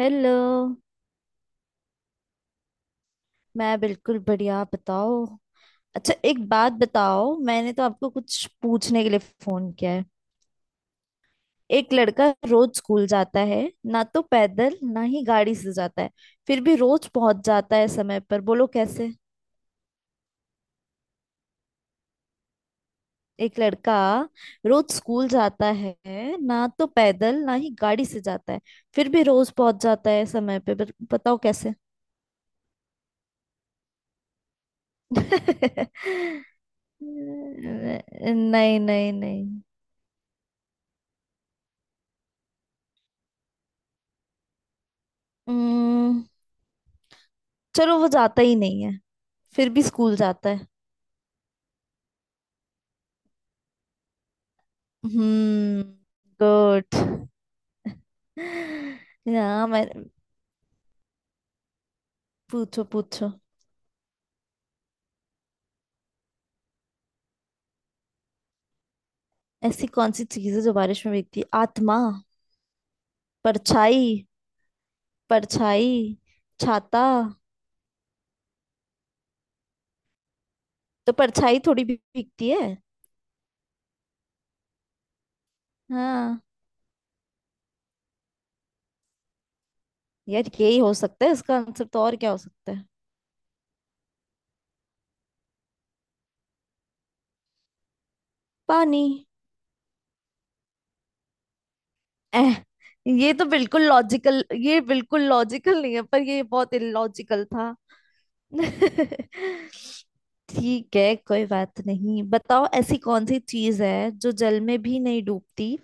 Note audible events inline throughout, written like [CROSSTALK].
Hello. मैं बिल्कुल बढ़िया, आप बताओ। अच्छा, एक बात बताओ, मैंने तो आपको कुछ पूछने के लिए फोन किया है। एक लड़का रोज स्कूल जाता है, ना तो पैदल ना ही गाड़ी से जाता है, फिर भी रोज पहुंच जाता है समय पर, बोलो कैसे। एक लड़का रोज स्कूल जाता है, ना तो पैदल ना ही गाड़ी से जाता है, फिर भी रोज पहुंच जाता है समय पे, बताओ कैसे। [LAUGHS] नहीं नहीं नहीं नहीं। हम्म। चलो, वो जाता ही नहीं है फिर भी स्कूल जाता है। हम्म। गुड। ना मैं, पूछो पूछो। ऐसी कौन सी चीज है जो बारिश में भीगती है? आत्मा। परछाई। परछाई। छाता। तो परछाई थोड़ी भी भीगती है। हाँ। यार, यही हो सकता है इसका आंसर, तो और क्या हो सकता है। पानी। एह, ये तो बिल्कुल लॉजिकल, ये बिल्कुल लॉजिकल नहीं है, पर ये बहुत इलॉजिकल था। [LAUGHS] ठीक है, कोई बात नहीं। बताओ ऐसी कौन सी चीज है जो जल में भी नहीं डूबती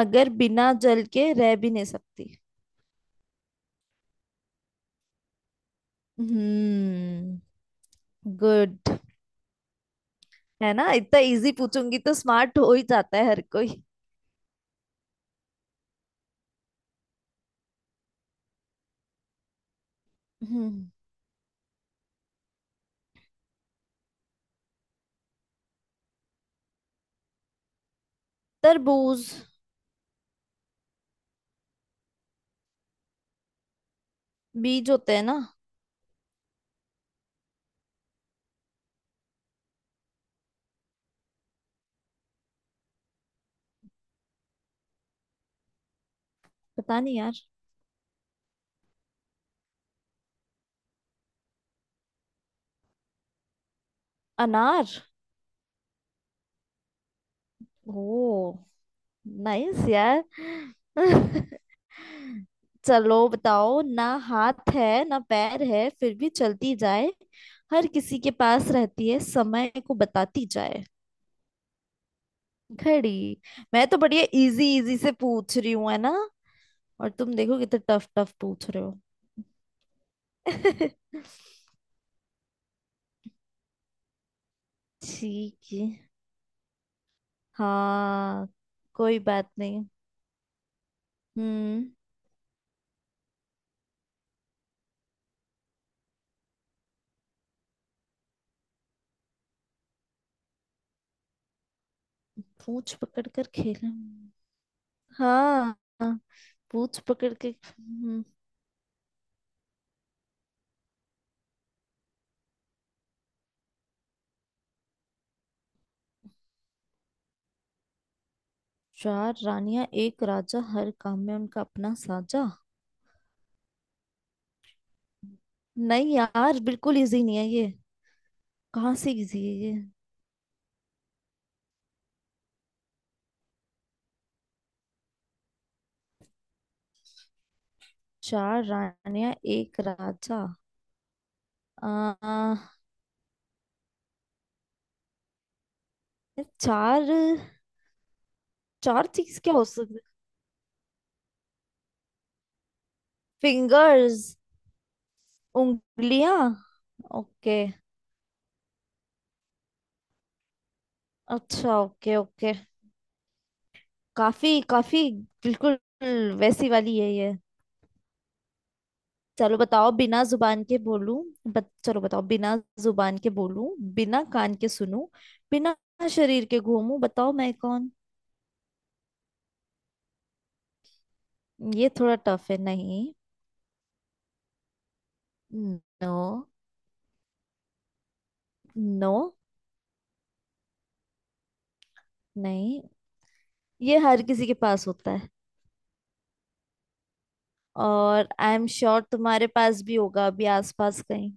मगर बिना जल के रह भी नहीं सकती। हम्म। गुड है ना, इतना इजी पूछूंगी तो स्मार्ट हो ही जाता है हर कोई। हम्म। तरबूज। बीज होते हैं ना। पता नहीं यार। अनार। ओ। नाइस यार। [LAUGHS] चलो बताओ, ना हाथ है ना पैर है फिर भी चलती जाए, हर किसी के पास रहती है समय को बताती जाए। घड़ी। मैं तो बढ़िया इजी इजी से पूछ रही हूँ है ना, और तुम देखो कितने टफ टफ पूछ रहे हो। [LAUGHS] ठीक है। हाँ, कोई बात नहीं। हम्म। पूछ पकड़ कर खेला। हाँ, पूछ पकड़ के। हम्म। चार रानियां एक राजा हर काम में उनका अपना साजा। नहीं यार, बिल्कुल इजी नहीं है ये। कहाँ से इजी है ये। चार रानियां एक राजा। आ, चार। चार चीज क्या हो सकती। फिंगर्स। उंगलियां। ओके। अच्छा, ओके ओके। काफी काफी, बिल्कुल वैसी वाली है ये। चलो बताओ, बिना जुबान के बोलूं। चलो बताओ बिना जुबान के बोलूं, बिना कान के सुनूं, बिना शरीर के घूमूं, बताओ मैं कौन। ये थोड़ा टफ है नहीं? नो। नो। नहीं, ये हर किसी के पास होता है, और आई एम श्योर तुम्हारे पास भी होगा अभी आसपास कहीं।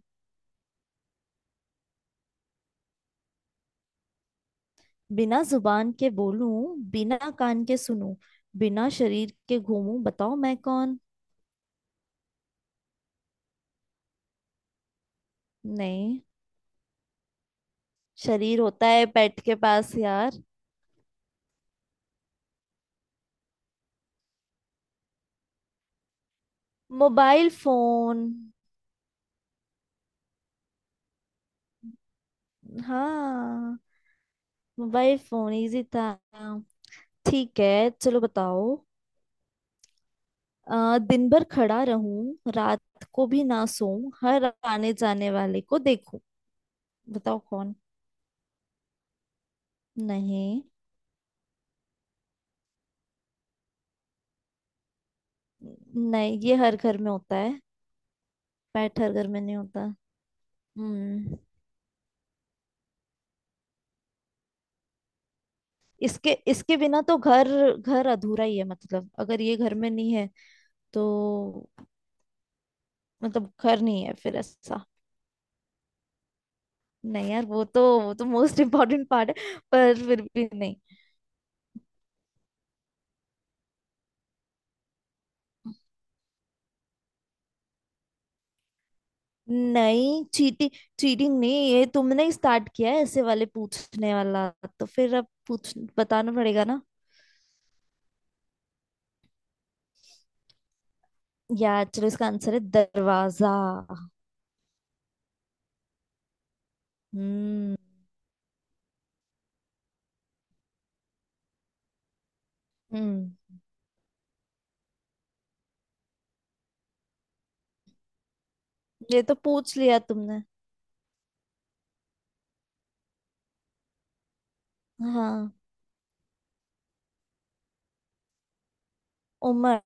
बिना जुबान के बोलूं, बिना कान के सुनूं, बिना शरीर के घूमूं, बताओ मैं कौन। नहीं। शरीर होता है पेट के पास यार। Mobile phone. हाँ। मोबाइल फोन इजी था। ठीक है, चलो बताओ। दिन भर खड़ा रहूं रात को भी ना सोऊं हर आने जाने वाले को देखूं, बताओ कौन। नहीं। नहीं, ये हर घर में होता है। पैट हर घर में नहीं होता। हम्म। इसके, इसके बिना तो घर, घर अधूरा ही है, मतलब अगर ये घर में नहीं है तो मतलब घर नहीं है फिर ऐसा। नहीं यार, वो तो, वो तो मोस्ट इम्पोर्टेंट पार्ट है पर फिर भी नहीं। नहीं चीटिंग, चीटिंग नहीं, ये तुमने ही स्टार्ट किया है ऐसे वाले पूछने वाला, तो फिर अब पूछ बताना पड़ेगा ना। यार चलो, इसका आंसर है दरवाजा। हम्म। हम्म, ये तो पूछ लिया तुमने। हाँ। उमर।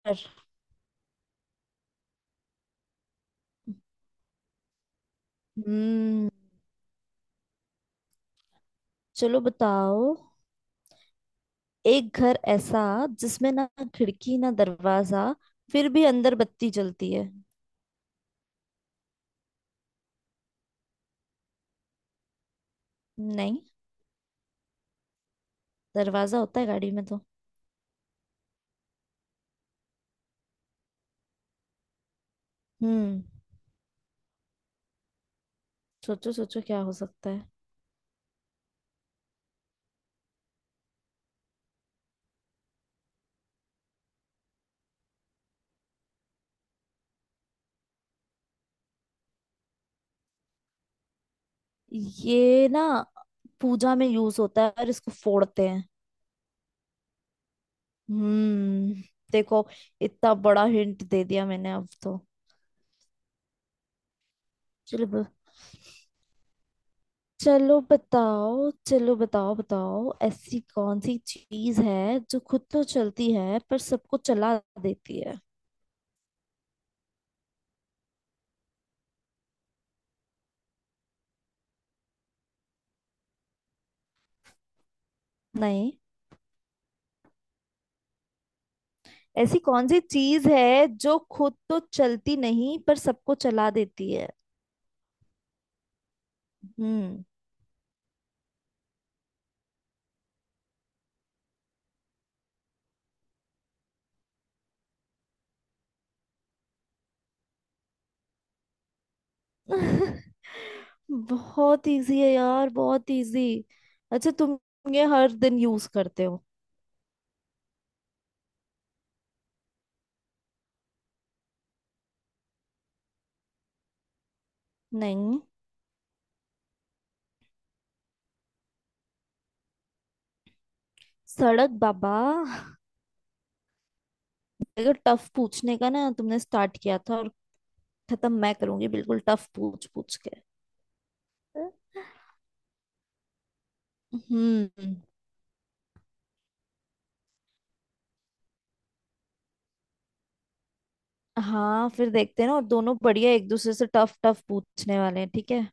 हम्म। चलो बताओ, एक घर ऐसा जिसमें ना खिड़की ना दरवाजा फिर भी अंदर बत्ती जलती है। नहीं, दरवाजा होता है गाड़ी में तो। हम्म, सोचो सोचो क्या हो सकता है। ये ना पूजा में यूज होता है और इसको फोड़ते हैं। हम्म। देखो, इतना बड़ा हिंट दे दिया मैंने अब तो। चलो ब- चलो बताओ, चलो बताओ, बताओ ऐसी कौन सी चीज है जो खुद तो चलती है पर सबको चला देती है। नहीं। ऐसी कौन सी चीज है जो खुद तो चलती नहीं पर सबको चला देती है। हम्म। [LAUGHS] बहुत इजी है यार, बहुत इजी। अच्छा तुम, ये हर दिन यूज करते हो। नहीं। सड़क बाबा। अगर टफ पूछने का ना तुमने स्टार्ट किया था, और खत्म मैं करूंगी बिल्कुल टफ पूछ पूछ के। हम्म। हाँ फिर देखते हैं ना, और दोनों बढ़िया एक दूसरे से टफ टफ पूछने वाले हैं ठीक है।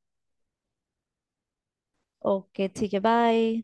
ओके ठीक है, बाय।